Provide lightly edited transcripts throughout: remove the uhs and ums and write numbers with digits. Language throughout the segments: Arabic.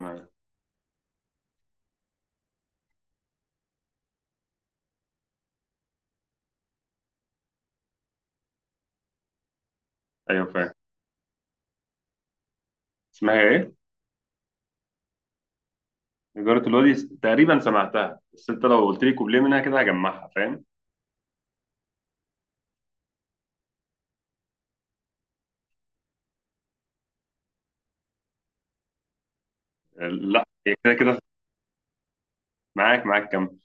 معايا. ايوه فاهم. اسمها ايه؟ إدارة الوادي تقريبا سمعتها، بس انت لو قلت لي كوبليه منها كده هجمعها، فاهم؟ لا هي كده كده. معاك معاك كم؟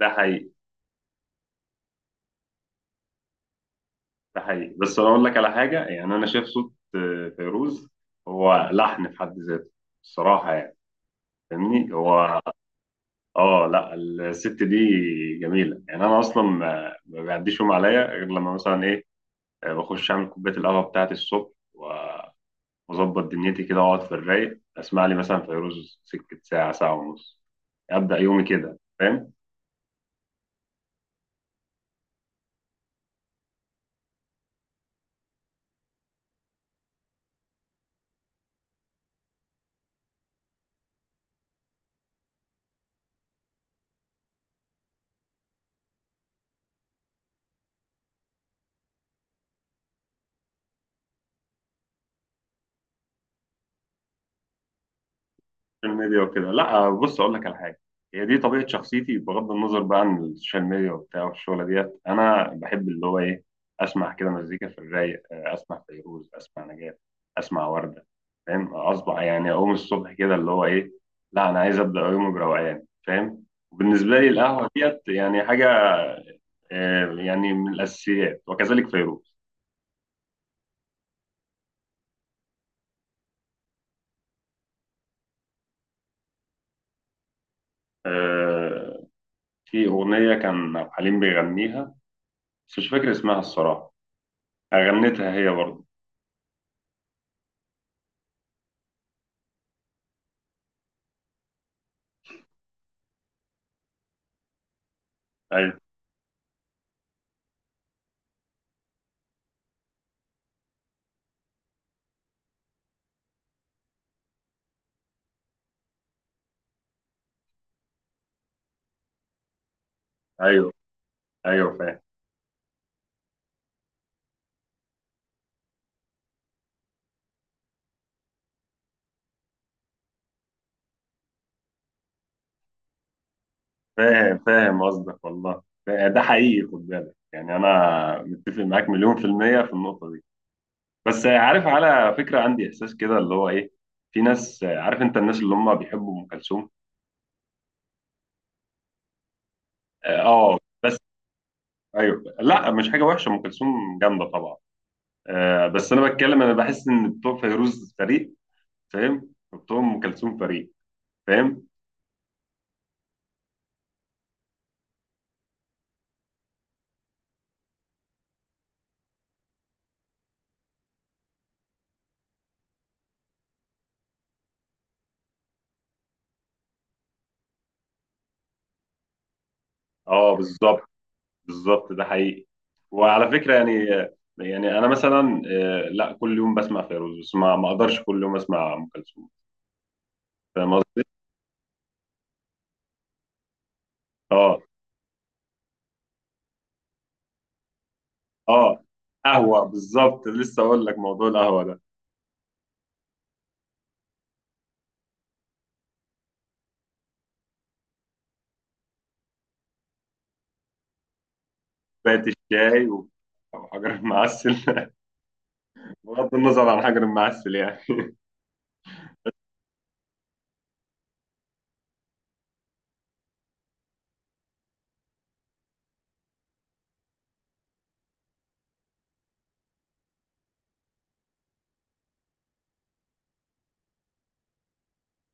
ده حقيقي. ده حقيقي، بس انا اقول لك على حاجه، يعني انا شايف صوت فيروز هو لحن في حد ذاته، الصراحه يعني. فاهمني؟ هو اه لا، الست دي جميله يعني. انا اصلا ما بيعديش يوم عليا غير لما مثلا ايه، بخش اعمل كوبايه القهوه بتاعتي الصبح واظبط دنيتي كده واقعد في الرايق، اسمع لي مثلا فيروز سكه، ساعه ساعه ونص ابدا يومي كده، فاهم؟ السوشيال ميديا وكده. لا بص، اقول لك على حاجه، هي دي طبيعه شخصيتي بغض النظر بقى عن السوشيال ميديا وبتاع والشغله ديت. انا بحب اللي هو ايه، اسمع كده مزيكا في الرايق، اسمع فيروز، اسمع نجاة، اسمع ورده، فاهم؟ اصبح يعني اقوم الصبح كده اللي هو ايه، لا انا عايز ابدا يومي بروقان، فاهم؟ وبالنسبه لي القهوه ديت يعني حاجه يعني من الاساسيات، وكذلك فيروز. آه، في أغنية كان عبد الحليم بيغنيها، بس مش فاكر اسمها الصراحة، غنتها هي برضه. أيوه. أيوه. أيوه فاهم. فاهم فاهم قصدك، والله ده ده حقيقي، خد بالك، يعني أنا متفق معاك مليون في المية في النقطة دي. بس عارف، على فكرة عندي إحساس كده اللي هو إيه، في ناس عارف أنت الناس اللي هم بيحبوا أم كلثوم. آه، بس أيوه، لا مش حاجة وحشة، أم كلثوم جامدة طبعا. آه بس أنا بتكلم، أنا بحس إن بتوع فيروز فريق، فاهم؟ بتوع أم كلثوم فريق، فاهم؟ اه بالظبط. بالظبط، ده حقيقي. وعلى فكره يعني، يعني انا مثلا لا كل يوم بسمع فيروز، بس ما اقدرش كل يوم اسمع ام كلثوم. فاهم قصدي؟ اه اه. قهوه بالظبط، لسه اقول لك موضوع القهوه ده، كوبايه الشاي و- وحجر المعسل بغض النظر عن حجر المعسل يعني.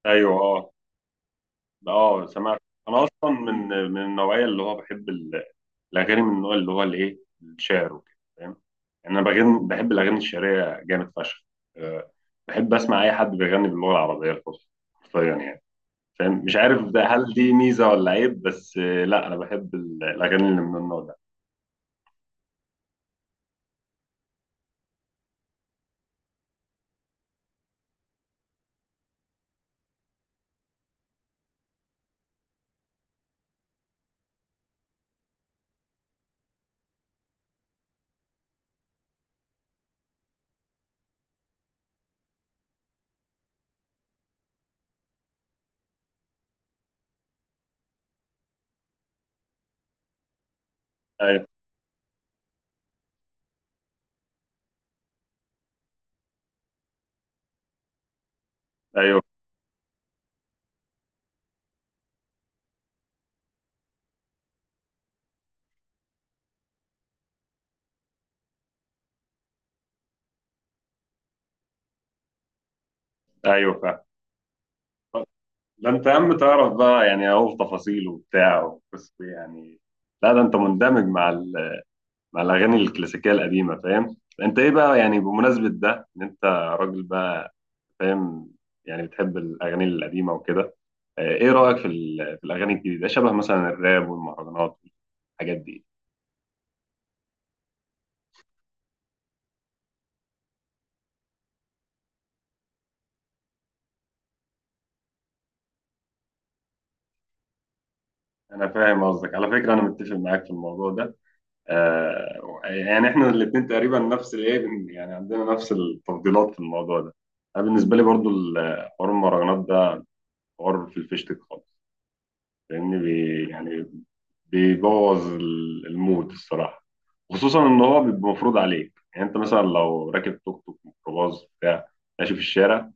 ايوه اه. اه سمعت. انا اصلا من النوعيه اللي هو بحب الاغاني من النوع اللي هو الايه، الشعر وكده، فاهم؟ يعني انا بغني، بحب الاغاني الشعريه جامد فشخ. أه، بحب اسمع اي حد بيغني باللغه العربيه الفصحى، حرفيا يعني. فاهم؟ مش عارف ده هل دي ميزه ولا عيب، بس لا انا بحب الاغاني اللي من النوع ده. ايوه. ايوه. ايوه فاهم. ده انت يا عم تعرف بقى، يعني اهو في تفاصيل وبتاع، بس يعني لا ده انت مندمج مع مع الاغاني الكلاسيكيه القديمه، فاهم؟ انت ايه بقى، يعني بمناسبه ده ان انت راجل بقى، فاهم؟ يعني بتحب الأغاني القديمة وكده، إيه رأيك في في الأغاني الجديدة شبه مثلا الراب والمهرجانات والحاجات دي؟ أنا فاهم قصدك، على فكرة أنا متفق معاك في الموضوع ده. يعني إحنا الاتنين تقريبا نفس الإيه يعني عندنا نفس التفضيلات في الموضوع ده. أنا بالنسبة لي برضو حوار المهرجانات ده حوار في الفيشتك خالص، لان بي يعني بيبوظ المود الصراحه، خصوصا ان هو بيبقى مفروض عليك، يعني انت مثلا لو راكب توك توك، ميكروباص، بتاع، ماشي في الشارع،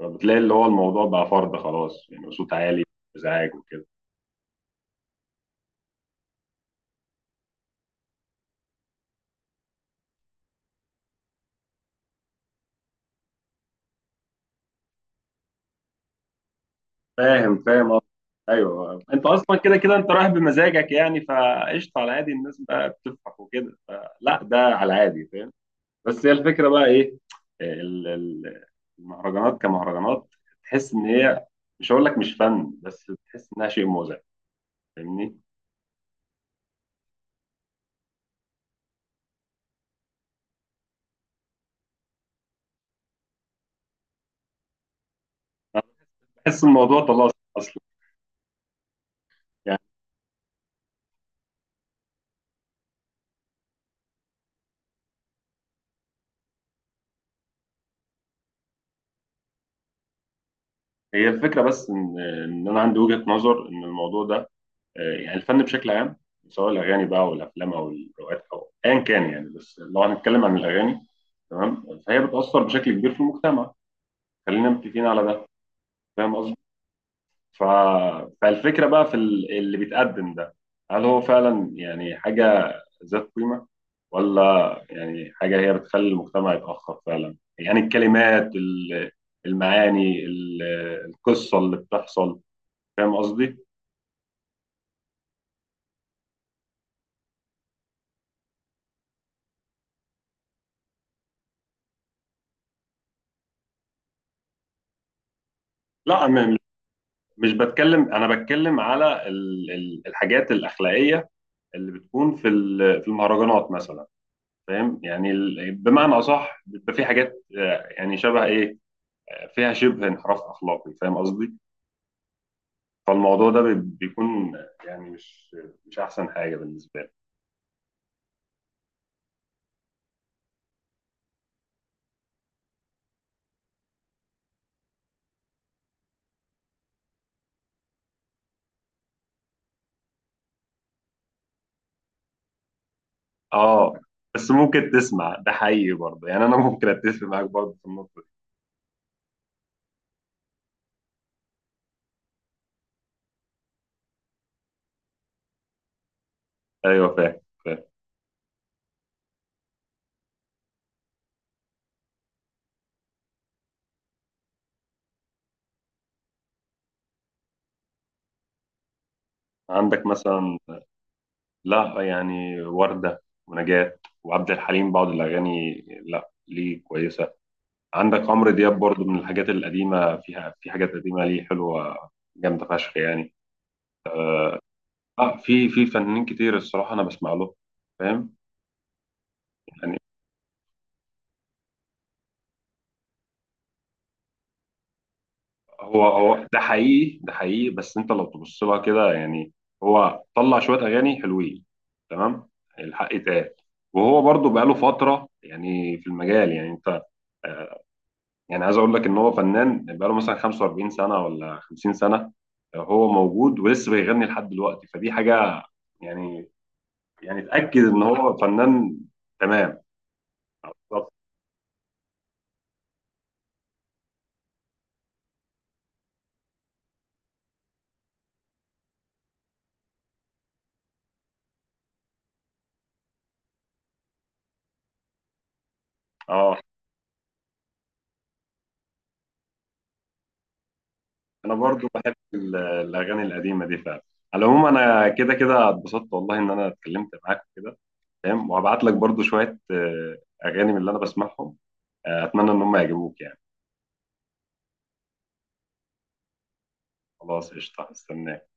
فبتلاقي اللي هو الموضوع بقى فرض خلاص، يعني صوت عالي، ازعاج وكده. فاهم فاهم أه. ايوه انت اصلا كده كده انت رايح بمزاجك، يعني فقشطه على عادي، الناس بقى بتفرح وكده، فلا ده على عادي. بس هي الفكره بقى ايه، آه، ال- ال- المهرجانات كمهرجانات، تحس ان هي، مش هقول لك مش فن، بس تحس انها شيء مزعج. فاهمني؟ أنا بحس الموضوع طلع اصلا يعني، هي الفكره بس ان انا عندي وجهه نظر ان الموضوع ده يعني الفن بشكل عام، سواء الاغاني بقى والافلام او الروايات او ايا كان، يعني بس لو هنتكلم عن الاغاني، تمام، فهي بتاثر بشكل كبير في المجتمع، خلينا متفقين على ده. فاهم قصدي؟ ف... فالفكرة بقى في اللي بيتقدم ده، هل هو فعلا يعني حاجة ذات قيمة، ولا يعني حاجة هي بتخلي المجتمع يتأخر فعلا، يعني الكلمات المعاني القصة اللي بتحصل. فاهم قصدي؟ لا مش بتكلم، أنا بتكلم على الحاجات الأخلاقية اللي بتكون في في المهرجانات مثلا، فاهم؟ يعني بمعنى أصح بيبقى في حاجات يعني شبه إيه، فيها شبه انحراف أخلاقي. فاهم قصدي؟ فالموضوع ده بيكون يعني مش مش احسن حاجه بالنسبه لي. اه بس ممكن تسمع، ده حقيقي برضه، يعني انا ممكن اتفق معاك برضه في النقطه دي. ايوه فاهم فاهم. عندك مثلا، لا يعني ورده ونجاة وعبد الحليم بعض الاغاني لا ليه كويسه. عندك عمرو دياب برضه من الحاجات القديمه، فيها في حاجات قديمه ليه حلوه، جامده فشخ يعني. اه في في فنانين كتير الصراحه انا بسمع له، فاهم؟ يعني هو هو ده حقيقي، ده حقيقي، بس انت لو تبص لها كده يعني، هو طلع شويه اغاني حلوين، تمام، الحق يتقال. وهو برضه بقاله فتره يعني في المجال، يعني انت آه، يعني عايز اقول لك ان هو فنان بقاله مثلا 45 سنه ولا 50 سنه، هو موجود ولسه بيغني لحد دلوقتي. فدي حاجه يعني، يعني تاكد ان هو فنان، تمام. بالظبط. اه انا برضو بحب الاغاني القديمه دي فعلا. على العموم انا كده كده اتبسطت والله ان انا اتكلمت معاك كده، فاهم؟ وهبعت لك برضو شويه اغاني من اللي انا بسمعهم، اتمنى ان هم يعجبوك يعني. خلاص قشطه، استناك.